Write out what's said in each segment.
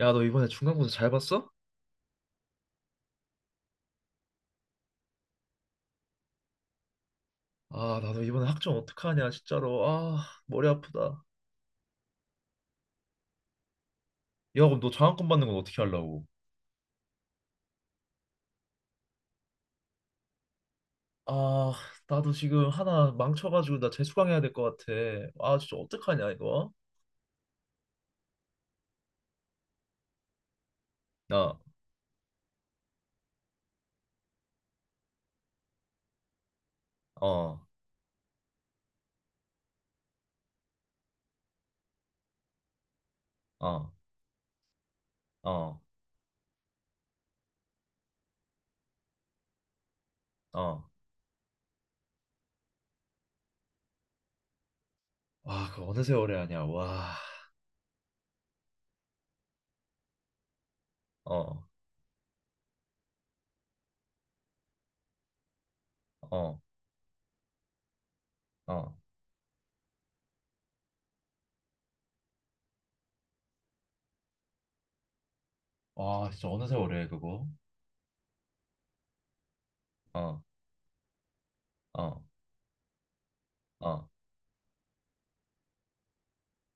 야, 너 이번에 중간고사 잘 봤어? 아, 나도 이번에 학점 어떡하냐, 진짜로. 아, 머리 아프다. 야, 그럼 너 장학금 받는 건 어떻게 하려고? 아, 나도 지금 하나 망쳐가지고 나 재수강해야 될 것 같아. 아, 진짜 어떡하냐, 이거? 나, 어, 어, 어, 어. 아, 그거 어느 세월에 하냐, 와. 어, 어, 어. 와, 진짜 어느 세월에 해, 그거? 어, 어, 어,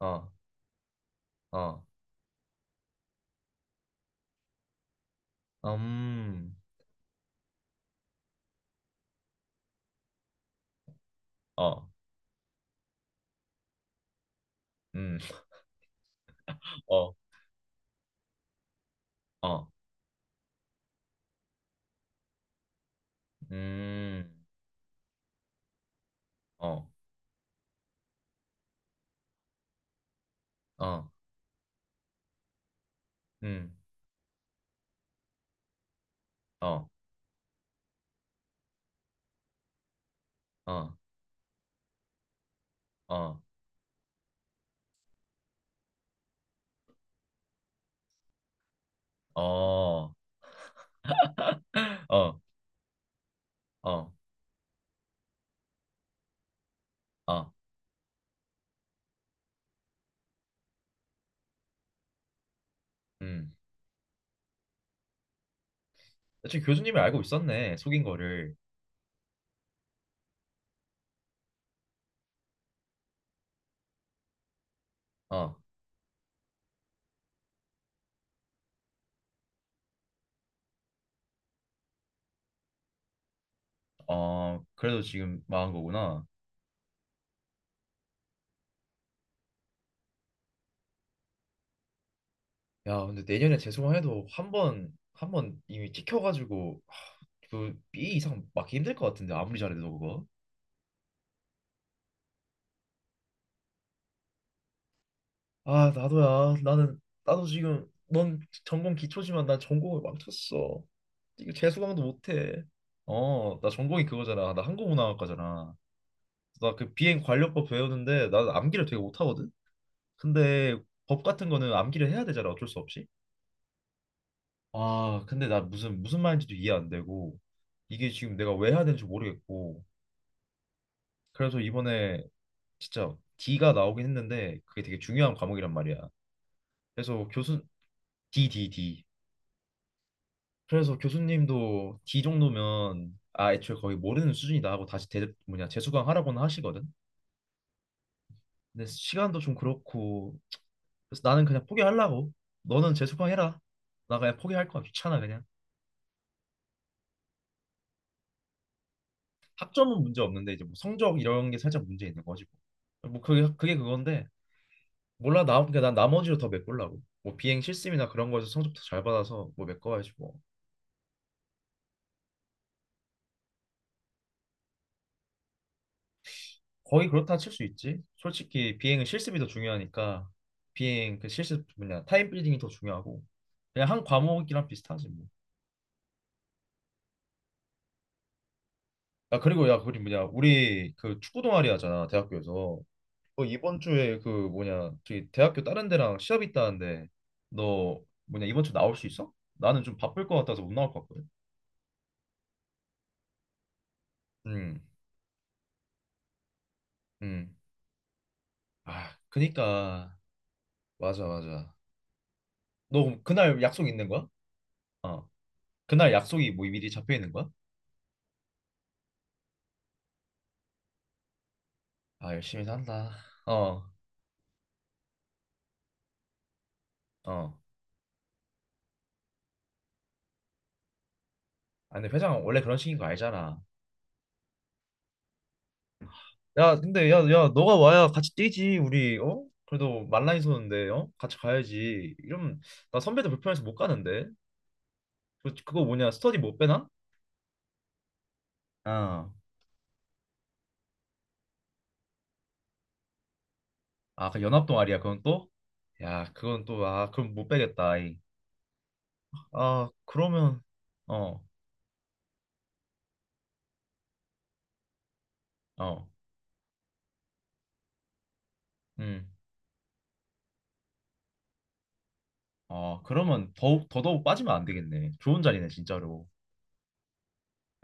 어, 어. 음, 어, 음, 어, 어, 음, 어. 어, 음, 어, 어, 어, 어, 어, 어, 어, 음. 지금 교수님이 알고 있었네, 속인 거를. 어, 어, 그래도 지금 망한 거구나. 야, 근데 내년에 재수강해도 한 번 이미 찍혀가지고 하, 그 B 이상 맞기 힘들 것 같은데 아무리 잘해도 그거. 아, 나도야. 나는 나도 지금 넌 전공 기초지만 난 전공을 망쳤어. 이거 재수강도 못해. 어, 나 전공이 그거잖아. 나 한국문화학과잖아. 나 그 비행 관료법 배우는데 나는 암기를 되게 못하거든. 근데 법 같은 거는 암기를 해야 되잖아, 어쩔 수 없이. 아, 근데 나 무슨 말인지도 이해 안 되고 이게 지금 내가 왜 해야 되는지 모르겠고. 그래서 이번에 진짜 D가 나오긴 했는데 그게 되게 중요한 과목이란 말이야. 그래서 교수 D, D, D. 그래서 교수님도 D 정도면 아 애초에 거의 모르는 수준이다 하고 다시 대 뭐냐 재수강 하라고는 하시거든. 근데 시간도 좀 그렇고 그래서 나는 그냥 포기하려고. 너는 재수강해라. 나 그냥 포기할 거야. 귀찮아 그냥. 학점은 문제 없는데 이제 뭐 성적 이런 게 살짝 문제 있는 거지 뭐. 뭐 그게 그건데 몰라 나 그러니까 난 나머지로 더 메꾸려고. 뭐 비행 실습이나 그런 거에서 성적 더 잘 받아서 뭐 메꿔야지 뭐. 거의 그렇다 칠 수 있지. 솔직히 비행은 실습이 더 중요하니까 비행 그 실습 뭐냐 타임 빌딩이 더 중요하고 그냥 한 과목이랑 비슷하지 뭐. 아 그리고 야 그리 뭐냐 우리 그 축구 동아리 하잖아 대학교에서 너 이번 주에 그 뭐냐 저기 대학교 다른 데랑 시합 있다는데 너 뭐냐 이번 주 나올 수 있어? 나는 좀 바쁠 것 같아서 못 나올 것 같거든. 음, 음. 아, 그니까 맞아 맞아. 너 그럼 그날 약속 있는 거야? 어, 그날 약속이 뭐 미리 잡혀 있는 거야? 아, 열심히 산다. 어, 어. 아, 근데 회장 원래 그런 식인 거 알잖아. 야, 근데 야, 야, 너가 와야 같이 뛰지 우리. 어? 그래도 말라인 서는데 어? 같이 가야지. 이러면 나 선배들 불편해서 못 가는데. 그거 뭐냐 스터디 못 빼나? 어. 아, 그 연합 동아리야. 그건 또? 야, 그건 또 아, 그럼 못 빼겠다. 아이. 아, 그러면 어, 어. 음. 아, 그러면 더욱 더더욱 빠지면 안 되겠네. 좋은 자리네, 진짜로.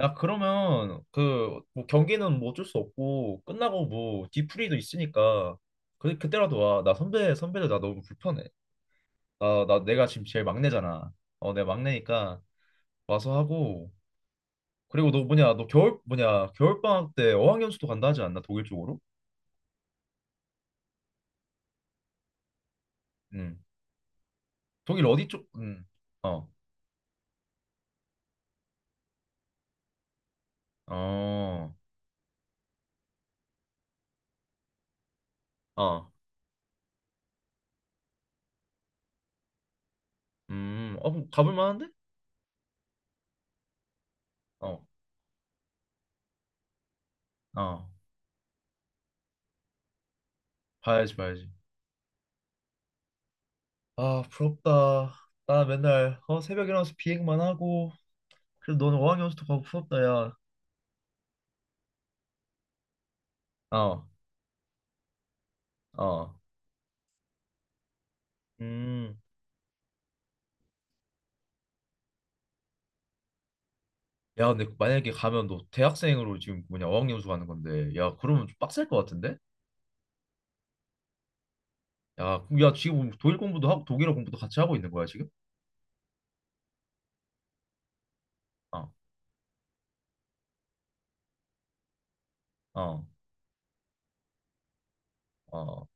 야, 그러면 그 뭐 경기는 뭐 어쩔 수 없고 끝나고 뭐 디프리도 있으니까 그 그때라도 와. 나 선배들 나 너무 불편해. 나 내가 지금 제일 막내잖아. 어, 내가 막내니까 와서 하고 그리고 너 뭐냐 너 겨울 뭐냐 겨울방학 때 어학연수도 간다 하지 않나 독일 쪽으로? 음 독일 어디 쪽? 음. 어. 어. 어. 음. 어 그럼 가볼 만한데? 어. 어. 봐야지 봐야지. 아 부럽다. 나 맨날 어 새벽 일어나서 비행만 하고 그래도 너는 어학연수도 가고 부럽다 야. 어. 어. 음. 야 근데 만약에 가면 너 대학생으로 지금 뭐냐 어학연수 가는 건데 야 그러면 좀 빡셀 것 같은데? 야, 그럼 야 지금 독일 공부도 하고 독일어 공부도 같이 하고 있는 거야 지금? 어. 어, 어.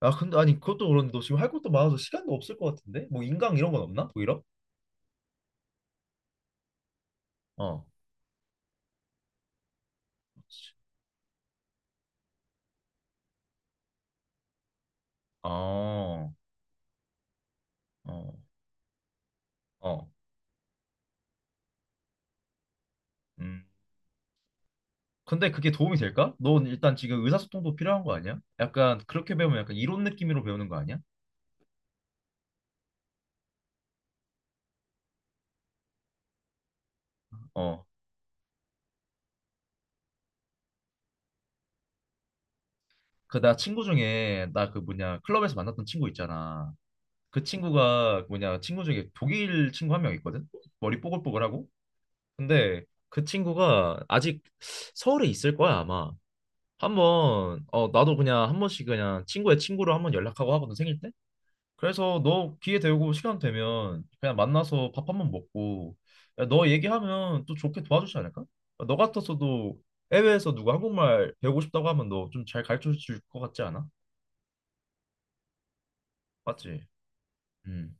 아, 근데, 아니, 그것도 그런데 너 지금 할 것도 많아서 시간도 없을 것 같은데? 뭐, 인강 이런 건 없나? 오히려? 어. 어, 어, 어. 음. 근데 그게 도움이 될까? 넌 일단 지금 의사소통도 필요한 거 아니야? 약간 그렇게 배우면 약간 이론 느낌으로 배우는 거 아니야? 어. 그 나 친구 중에 나 그 뭐냐 클럽에서 만났던 친구 있잖아. 그 친구가 뭐냐 친구 중에 독일 친구 한 명 있거든. 머리 뽀글뽀글하고. 근데 그 친구가 아직 서울에 있을 거야 아마. 한번 어 나도 그냥 한 번씩 그냥 친구의 친구로 한 번 연락하고 하거든 생일 때. 그래서 너 기회 되고 시간 되면 그냥 만나서 밥 한 번 먹고 야, 너 얘기하면 또 좋게 도와주지 않을까? 너 같아서도 해외에서 누가 한국말 배우고 싶다고 하면 너 좀 잘 가르쳐 줄 것 같지 않아? 맞지? 음.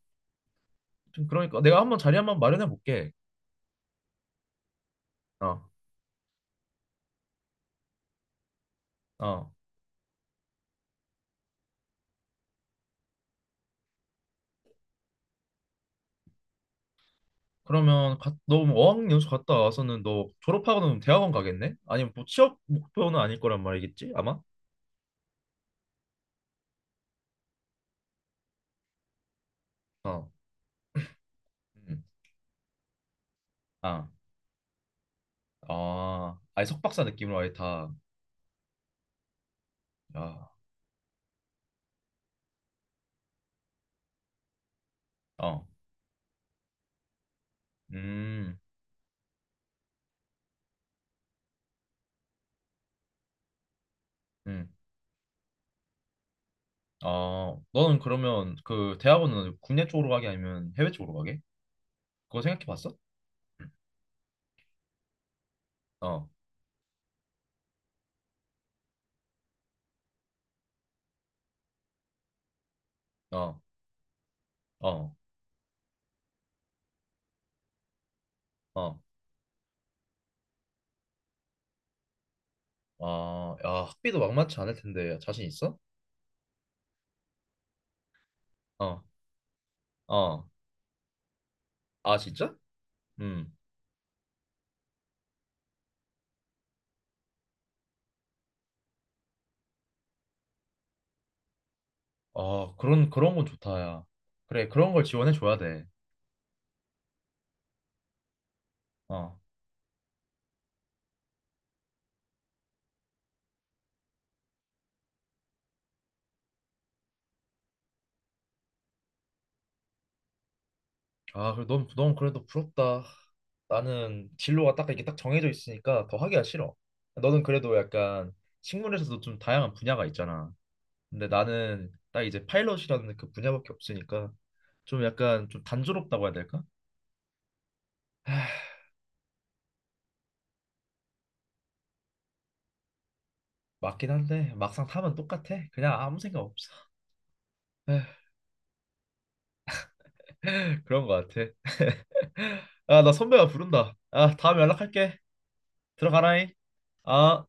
좀 그러니까 내가 한 번 자리 한 번 마련해 볼게. 어. 어. 그러면 가, 너 어학연수 갔다 와서는 너 졸업하고는 대학원 가겠네? 아니면 뭐 취업 목표는 아닐 거란 말이겠지? 아마? 어. 음. 아. 아, 아예 석박사 느낌으로 아예 다, 아, 어, 음, 음, 아, 너는 그러면 그 대학원은 국내 쪽으로 가게 아니면 해외 쪽으로 가게? 그거 생각해 봤어? 응. 어, 어, 어, 어, 아, 야, 학비도 막만치 않을 텐데 자신 있어? 어, 어, 아, 진짜? 음, 아, 그런 건 좋다, 야. 그래, 그런 걸 지원해 줘야 돼. 어. 아, 그래, 넌 그래도 부럽다. 나는 진로가 딱 이렇게 딱 정해져 있으니까 더 하기가 싫어. 너는 그래도 약간 식물에서도 좀 다양한 분야가 있잖아. 근데 나는 딱 이제 파일럿이라는 그 분야밖에 없으니까 좀 약간 좀 단조롭다고 해야 될까? 아, 맞긴 한데 막상 타면 똑같아. 그냥 아무 생각 없어. 에휴, 그런 거 같아. 아, 나 선배가 부른다. 아, 다음에 연락할게. 들어가라잉. 아.